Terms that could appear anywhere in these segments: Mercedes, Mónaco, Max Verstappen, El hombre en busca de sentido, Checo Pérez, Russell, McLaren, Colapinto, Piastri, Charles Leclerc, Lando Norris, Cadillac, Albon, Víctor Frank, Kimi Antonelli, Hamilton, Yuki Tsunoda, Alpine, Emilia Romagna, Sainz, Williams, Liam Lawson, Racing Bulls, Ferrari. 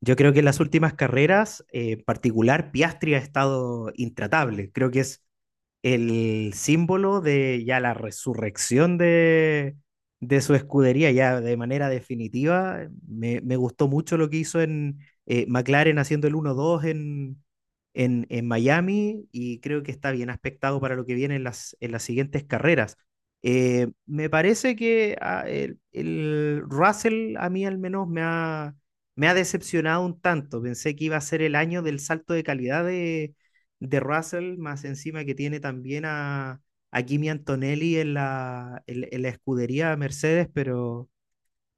Yo creo que en las últimas carreras, en particular, Piastri ha estado intratable. Creo que es el símbolo de ya la resurrección de su escudería, ya de manera definitiva. Me gustó mucho lo que hizo en McLaren haciendo el 1-2 en Miami, y creo que está bien aspectado para lo que viene en las siguientes carreras. Me parece que el Russell a mí al menos me ha decepcionado un tanto. Pensé que iba a ser el año del salto de calidad de Russell, más encima que tiene también a Kimi Antonelli en la escudería Mercedes, pero,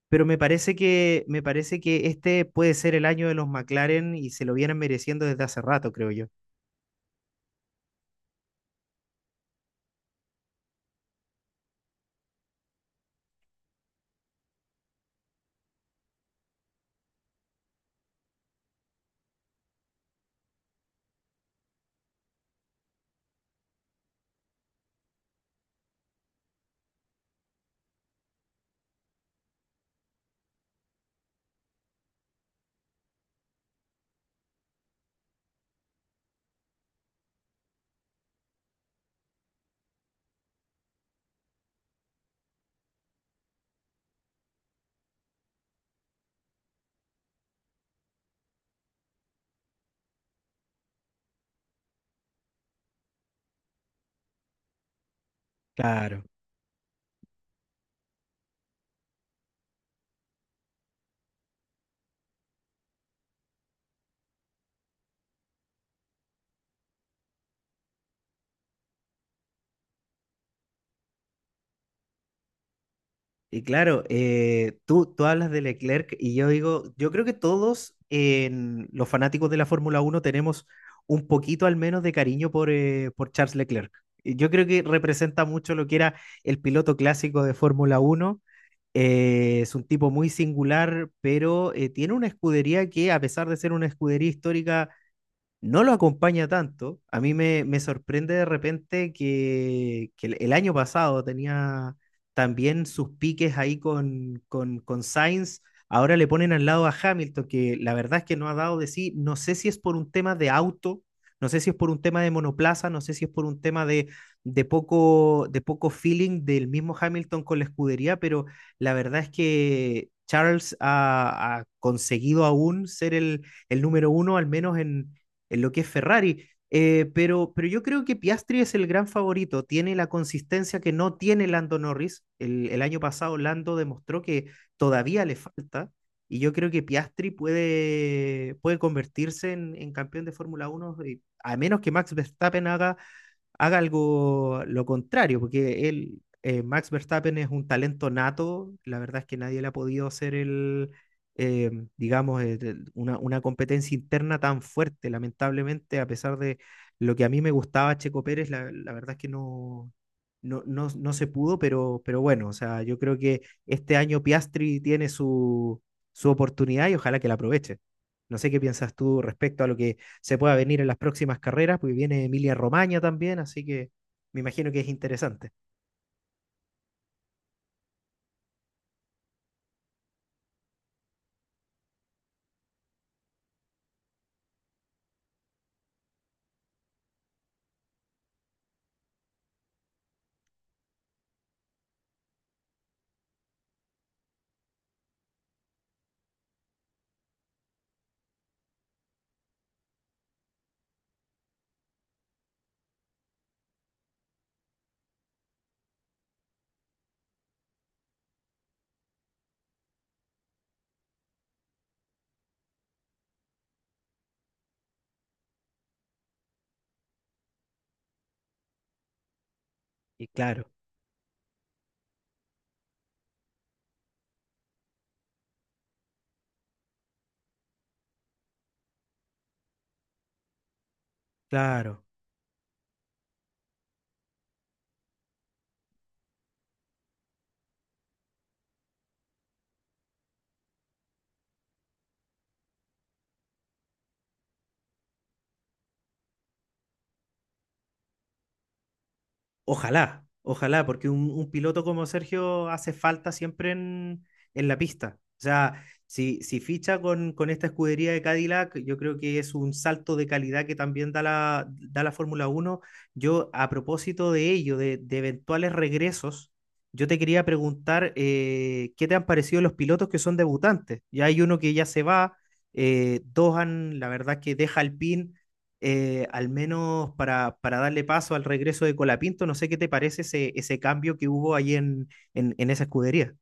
pero me parece que este puede ser el año de los McLaren, y se lo vienen mereciendo desde hace rato, creo yo. Claro. Y claro, tú hablas de Leclerc, y yo digo, yo creo que todos en los fanáticos de la Fórmula Uno tenemos un poquito al menos de cariño por Charles Leclerc. Y yo creo que representa mucho lo que era el piloto clásico de Fórmula Uno. Es un tipo muy singular, pero tiene una escudería que, a pesar de ser una escudería histórica, no lo acompaña tanto. A mí me sorprende de repente que, que el año pasado tenía también sus piques ahí con Sainz. Ahora le ponen al lado a Hamilton, que la verdad es que no ha dado de sí. No sé si es por un tema de auto, no sé si es por un tema de monoplaza, no sé si es por un tema de poco feeling del mismo Hamilton con la escudería, pero la verdad es que Charles ha conseguido aún ser el número uno, al menos en lo que es Ferrari. Pero yo creo que Piastri es el gran favorito, tiene la consistencia que no tiene Lando Norris. El año pasado Lando demostró que todavía le falta, y yo creo que Piastri puede convertirse en campeón de Fórmula Uno a menos que Max Verstappen haga algo lo contrario, porque Max Verstappen es un talento nato, la verdad es que nadie le ha podido hacer eh, digamos, una competencia interna tan fuerte. Lamentablemente, a pesar de lo que a mí me gustaba Checo Pérez, la verdad es que no se pudo, pero bueno, o sea, yo creo que este año Piastri tiene su oportunidad, y ojalá que la aproveche. No sé qué piensas tú respecto a lo que se pueda venir en las próximas carreras, porque viene Emilia Romagna también, así que me imagino que es interesante. Y claro, claro. Ojalá, ojalá, porque un piloto como Sergio hace falta siempre en la pista. O sea, si ficha con esta escudería de Cadillac, yo creo que es un salto de calidad que también da la Fórmula Uno. Yo, a propósito de ello, de eventuales regresos, yo te quería preguntar qué te han parecido los pilotos que son debutantes. Ya hay uno que ya se va, dos han, la verdad que deja Alpine, al menos para, darle paso al regreso de Colapinto. No sé qué te parece ese cambio que hubo ahí en esa escudería.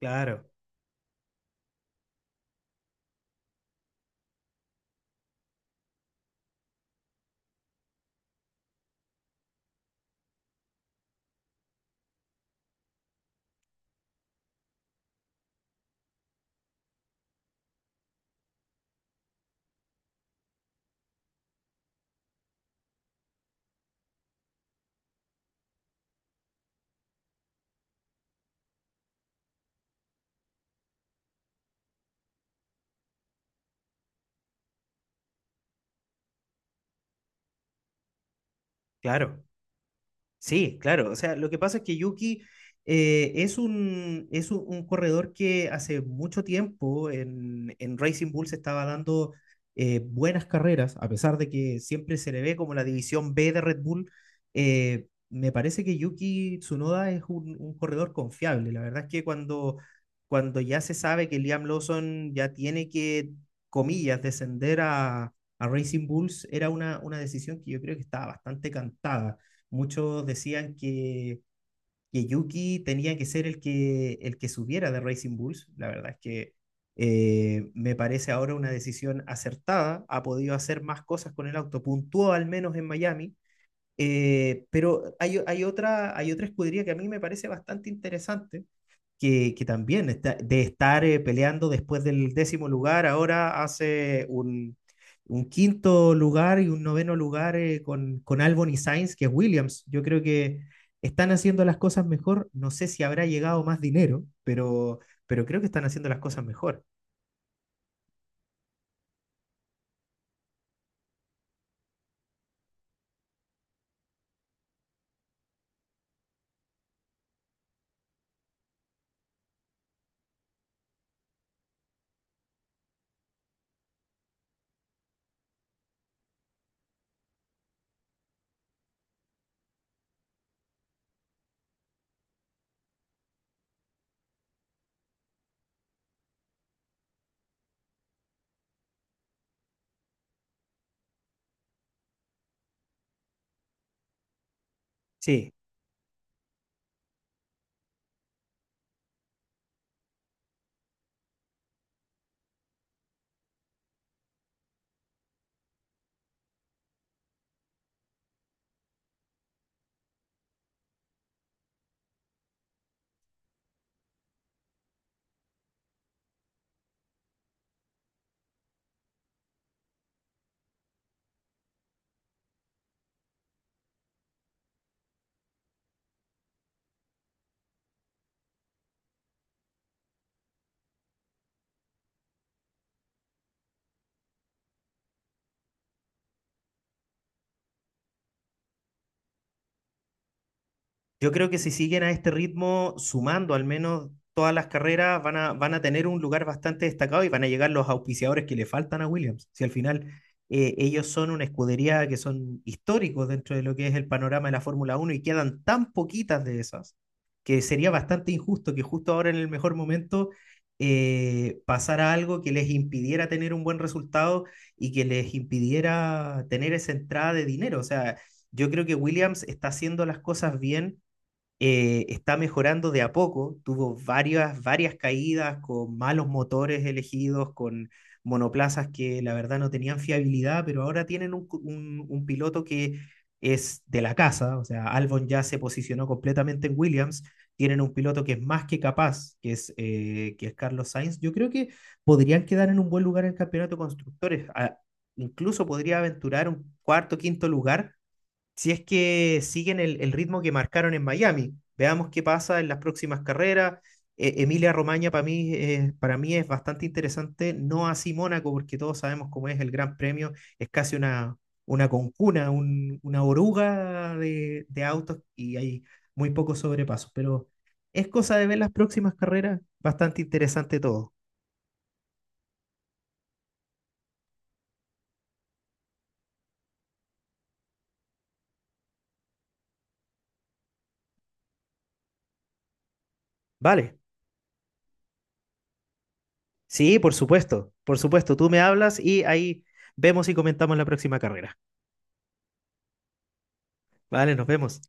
Claro, claro. Sí, claro. O sea, lo que pasa es que Yuki, es un corredor que hace mucho tiempo en Racing Bull se estaba dando, buenas carreras, a pesar de que siempre se le ve como la división B de Red Bull. Me parece que Yuki Tsunoda es un corredor confiable. La verdad es que cuando ya se sabe que Liam Lawson ya tiene que, comillas, descender a Racing Bulls, era una decisión que yo creo que estaba bastante cantada. Muchos decían que Yuki tenía que ser el que subiera de Racing Bulls. La verdad es que me parece ahora una decisión acertada. Ha podido hacer más cosas con el auto, puntuó al menos en Miami. Pero hay otra escudería que a mí me parece bastante interesante, que también está, de estar peleando después del décimo lugar, ahora hace un quinto lugar y un noveno lugar, con Albon y Sainz, que es Williams. Yo creo que están haciendo las cosas mejor. No sé si habrá llegado más dinero, pero creo que están haciendo las cosas mejor. Sí, yo creo que si siguen a este ritmo, sumando al menos todas las carreras, van a tener un lugar bastante destacado, y van a llegar los auspiciadores que le faltan a Williams. Si al final, ellos son una escudería que son históricos dentro de lo que es el panorama de la Fórmula Uno, y quedan tan poquitas de esas, que sería bastante injusto que justo ahora en el mejor momento pasara algo que les impidiera tener un buen resultado y que les impidiera tener esa entrada de dinero. O sea, yo creo que Williams está haciendo las cosas bien. Está mejorando de a poco, tuvo varias caídas con malos motores elegidos, con monoplazas que la verdad no tenían fiabilidad, pero ahora tienen un piloto que es de la casa, o sea, Albon ya se posicionó completamente en Williams, tienen un piloto que es más que capaz, que es Carlos Sainz. Yo creo que podrían quedar en un buen lugar en el campeonato de constructores, incluso podría aventurar un cuarto, quinto lugar, si es que siguen el ritmo que marcaron en Miami. Veamos qué pasa en las próximas carreras. Emilia Romagna para mí es bastante interesante, no así Mónaco, porque todos sabemos cómo es el Gran Premio. Es casi una oruga de autos y hay muy pocos sobrepasos, pero es cosa de ver las próximas carreras, bastante interesante todo. Vale, sí, por supuesto, tú me hablas y ahí vemos y comentamos la próxima carrera. Vale, nos vemos.